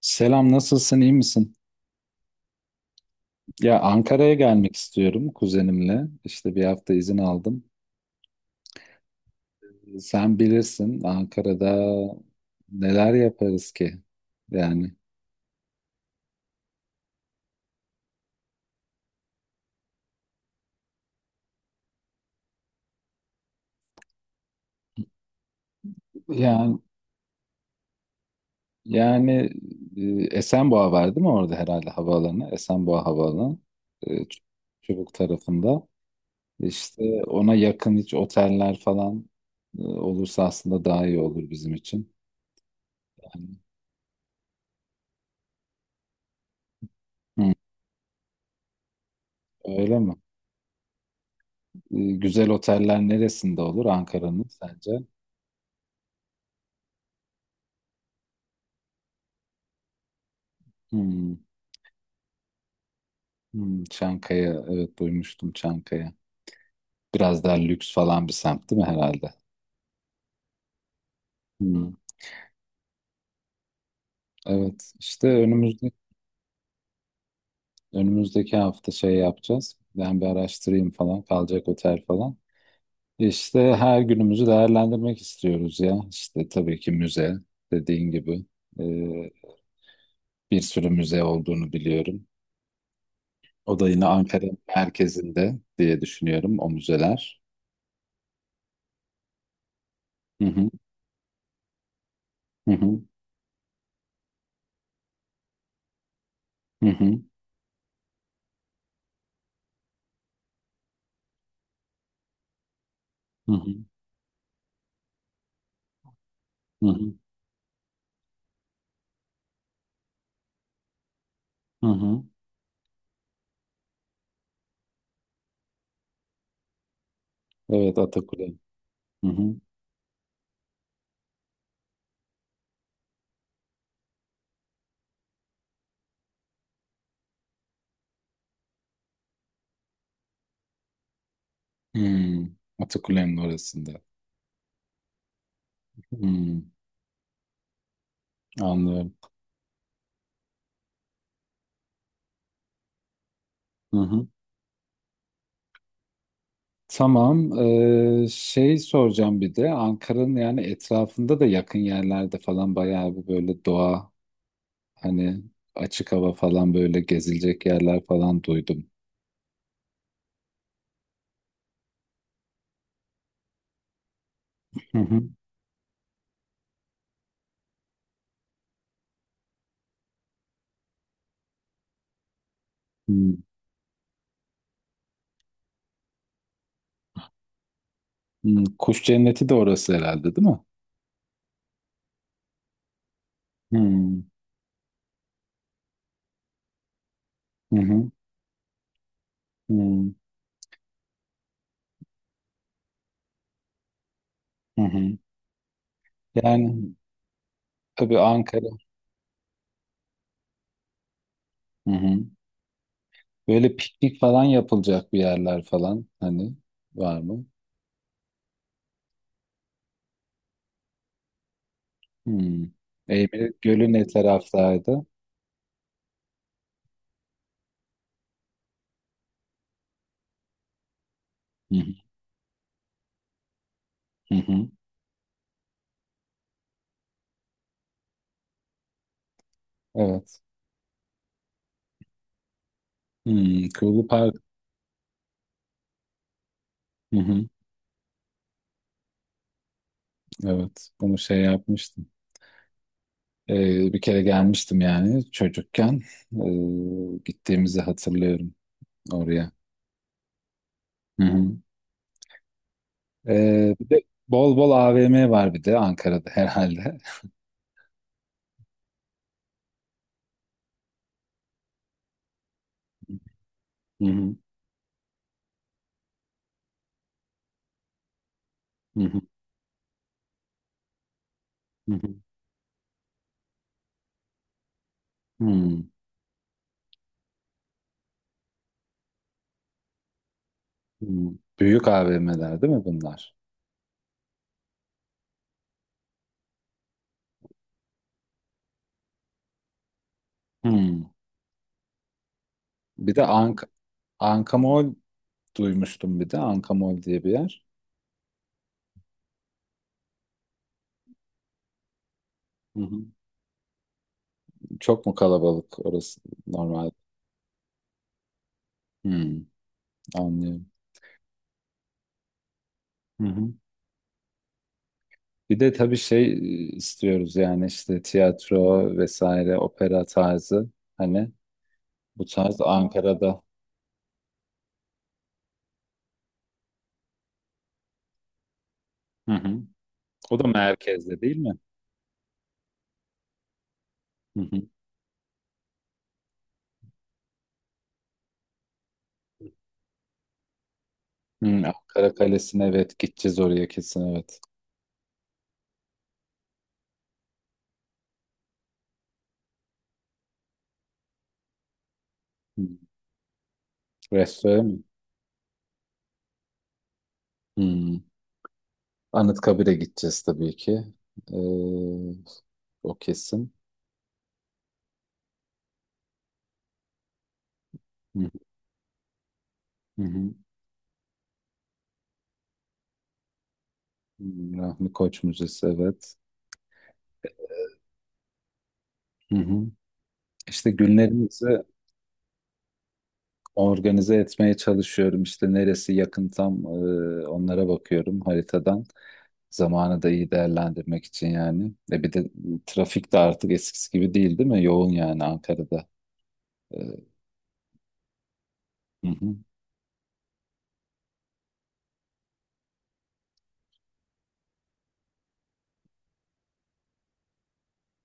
Selam, nasılsın, iyi misin? Ya Ankara'ya gelmek istiyorum kuzenimle. İşte bir hafta izin aldım. Sen bilirsin Ankara'da neler yaparız ki? Yani yani yani Esenboğa var değil mi orada herhalde havaalanı? Esenboğa Havaalanı. e, Ç- Çubuk tarafında. İşte ona yakın hiç oteller falan olursa aslında daha iyi olur bizim için. Yani, hı, öyle mi? E, Güzel oteller neresinde olur Ankara'nın sence? Hmm, hmm. Çankaya, evet duymuştum Çankaya. Biraz daha lüks falan bir semt değil mi herhalde? Hmm. Evet, işte önümüzdeki hafta şey yapacağız. Ben bir araştırayım falan, kalacak otel falan. İşte her günümüzü değerlendirmek istiyoruz ya. İşte tabii ki müze, dediğin gibi. Ee, bir sürü müze olduğunu biliyorum. O da yine Ankara merkezinde diye düşünüyorum o müzeler. Hı hı, hı hı, hı hı, hı hı, hı hı, hı. Evet, Atakule. Hı hı. Hmm. Atakule'nin orasında. Hmm. Anlıyorum. Hı hı. Tamam. Şey soracağım bir de Ankara'nın yani etrafında da yakın yerlerde falan bayağı bir böyle doğa hani açık hava falan böyle gezilecek yerler falan duydum. Hı hı. Hmm. Hmm. Kuş cenneti de orası herhalde değil mi? Hmm. Hı hı. Hmm. Hı hı. Yani tabii Ankara. Hı hı. Böyle piknik falan yapılacak bir yerler falan hani var mı? Hmm. Eymeri Gölü ne taraftaydı? Hı hı, hı hı. Evet. Hmm. Kuğulu Park. Hı hı. Evet. Bunu şey yapmıştım. Bir kere gelmiştim yani çocukken. Gittiğimizi hatırlıyorum oraya. Hı hı. Bir de bol bol AVM var bir de Ankara'da herhalde. Hı hı. Hı hı. Hı hı. Hmm. Hmm. Büyük AVM'ler değil mi bunlar? Hmm. Bir de Ank Ankamol duymuştum bir de Ankamol diye bir yer. Hı hı. Çok mu kalabalık orası normal? Hmm, anlıyorum. Hı hı. Bir de tabii şey istiyoruz yani işte tiyatro vesaire opera tarzı hani bu tarz Ankara'da. Hı hı. O da merkezde değil mi? Hı hı. Hı, Ankara Kalesi'ne evet gideceğiz oraya kesin evet. Hı. Restorana mı? Hı. Anıtkabir'e gideceğiz tabii ki. Ee, o kesin. Hı hı. Hı hı. Rahmi Koç Müzesi evet. Hı hı. İşte günlerimizi organize etmeye çalışıyorum. İşte neresi yakın tam onlara bakıyorum haritadan. Zamanı da iyi değerlendirmek için yani. E bir de trafik de artık eskisi gibi değil mi? Yoğun yani Ankara'da. E, hı hı.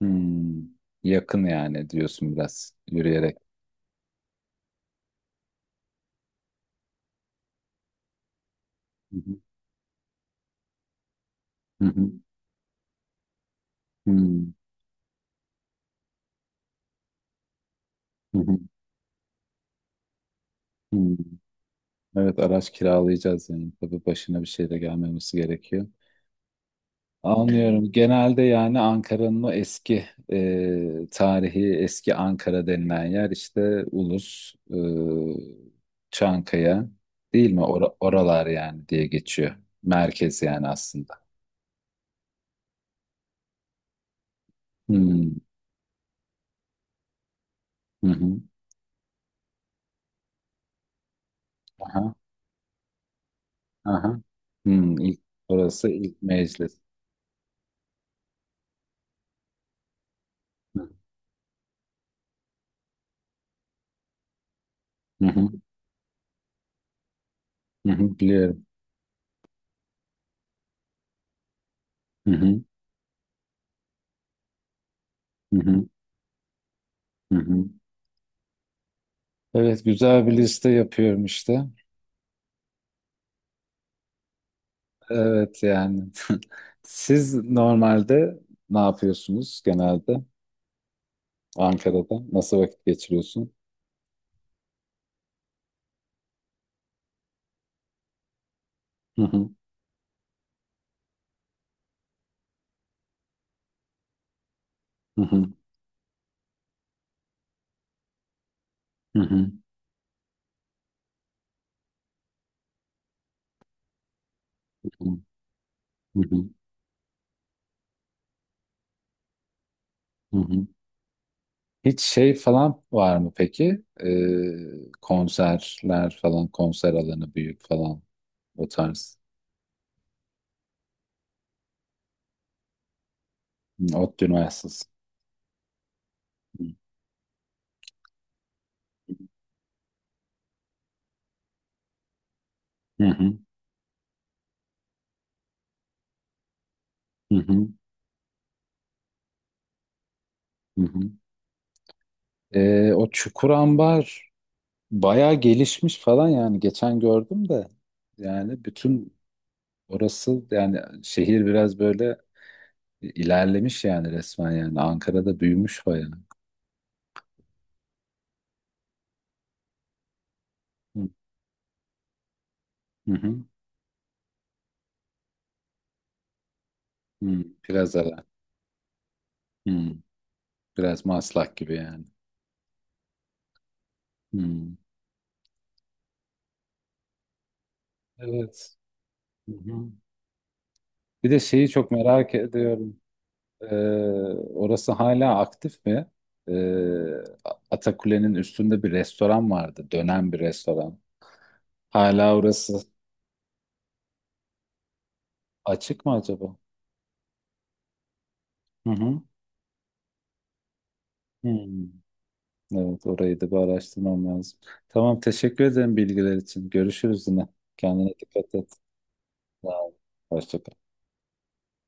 Hmm. Yakın yani diyorsun biraz yürüyerek. Hı hı. Hı hı. Hmm. Hı hı. Hmm. Evet araç kiralayacağız yani. Tabii başına bir şey de gelmemesi gerekiyor. Anlıyorum. Genelde yani Ankara'nın o eski tarihi, eski Ankara denilen yer işte Ulus, Çankaya değil mi? Oralar yani diye geçiyor. Merkez yani aslında. Hmm. Hı hı. Aha. Aha. Hmm. Orası ilk meclis. Hı hı. Hı hı. Biliyorum. Hı hı. Hı hı. Hı hı. Evet güzel bir liste yapıyorum işte. Evet yani. Siz normalde ne yapıyorsunuz genelde Ankara'da? Nasıl vakit geçiriyorsun? Hı hı, hı hı, hı hı, hı hı, hı hı. Hiç şey falan var mı peki? Konserler falan, konser alanı büyük falan o tarz. Hı, Ot Üniversitesi. Hı hı, hı hı, hı hı. O Çukur Ambar bayağı gelişmiş falan yani geçen gördüm de yani bütün orası yani şehir biraz böyle ilerlemiş yani resmen yani. Ankara'da büyümüş bayağı. Hı hı. hı. Hı. Biraz ara. Hı. Biraz Maslak gibi yani. Hı. Evet. Hı hı. Bir de şeyi çok merak ediyorum. Ee, orası hala aktif mi? Ee, Atakule'nin üstünde bir restoran vardı. Dönen bir restoran. Hala orası açık mı acaba? Hı hı. Hı. Evet, orayı da bir araştırmam lazım. Tamam, teşekkür ederim bilgiler için. Görüşürüz yine. Kendine dikkat et. Sağ ol. Hoşça kal.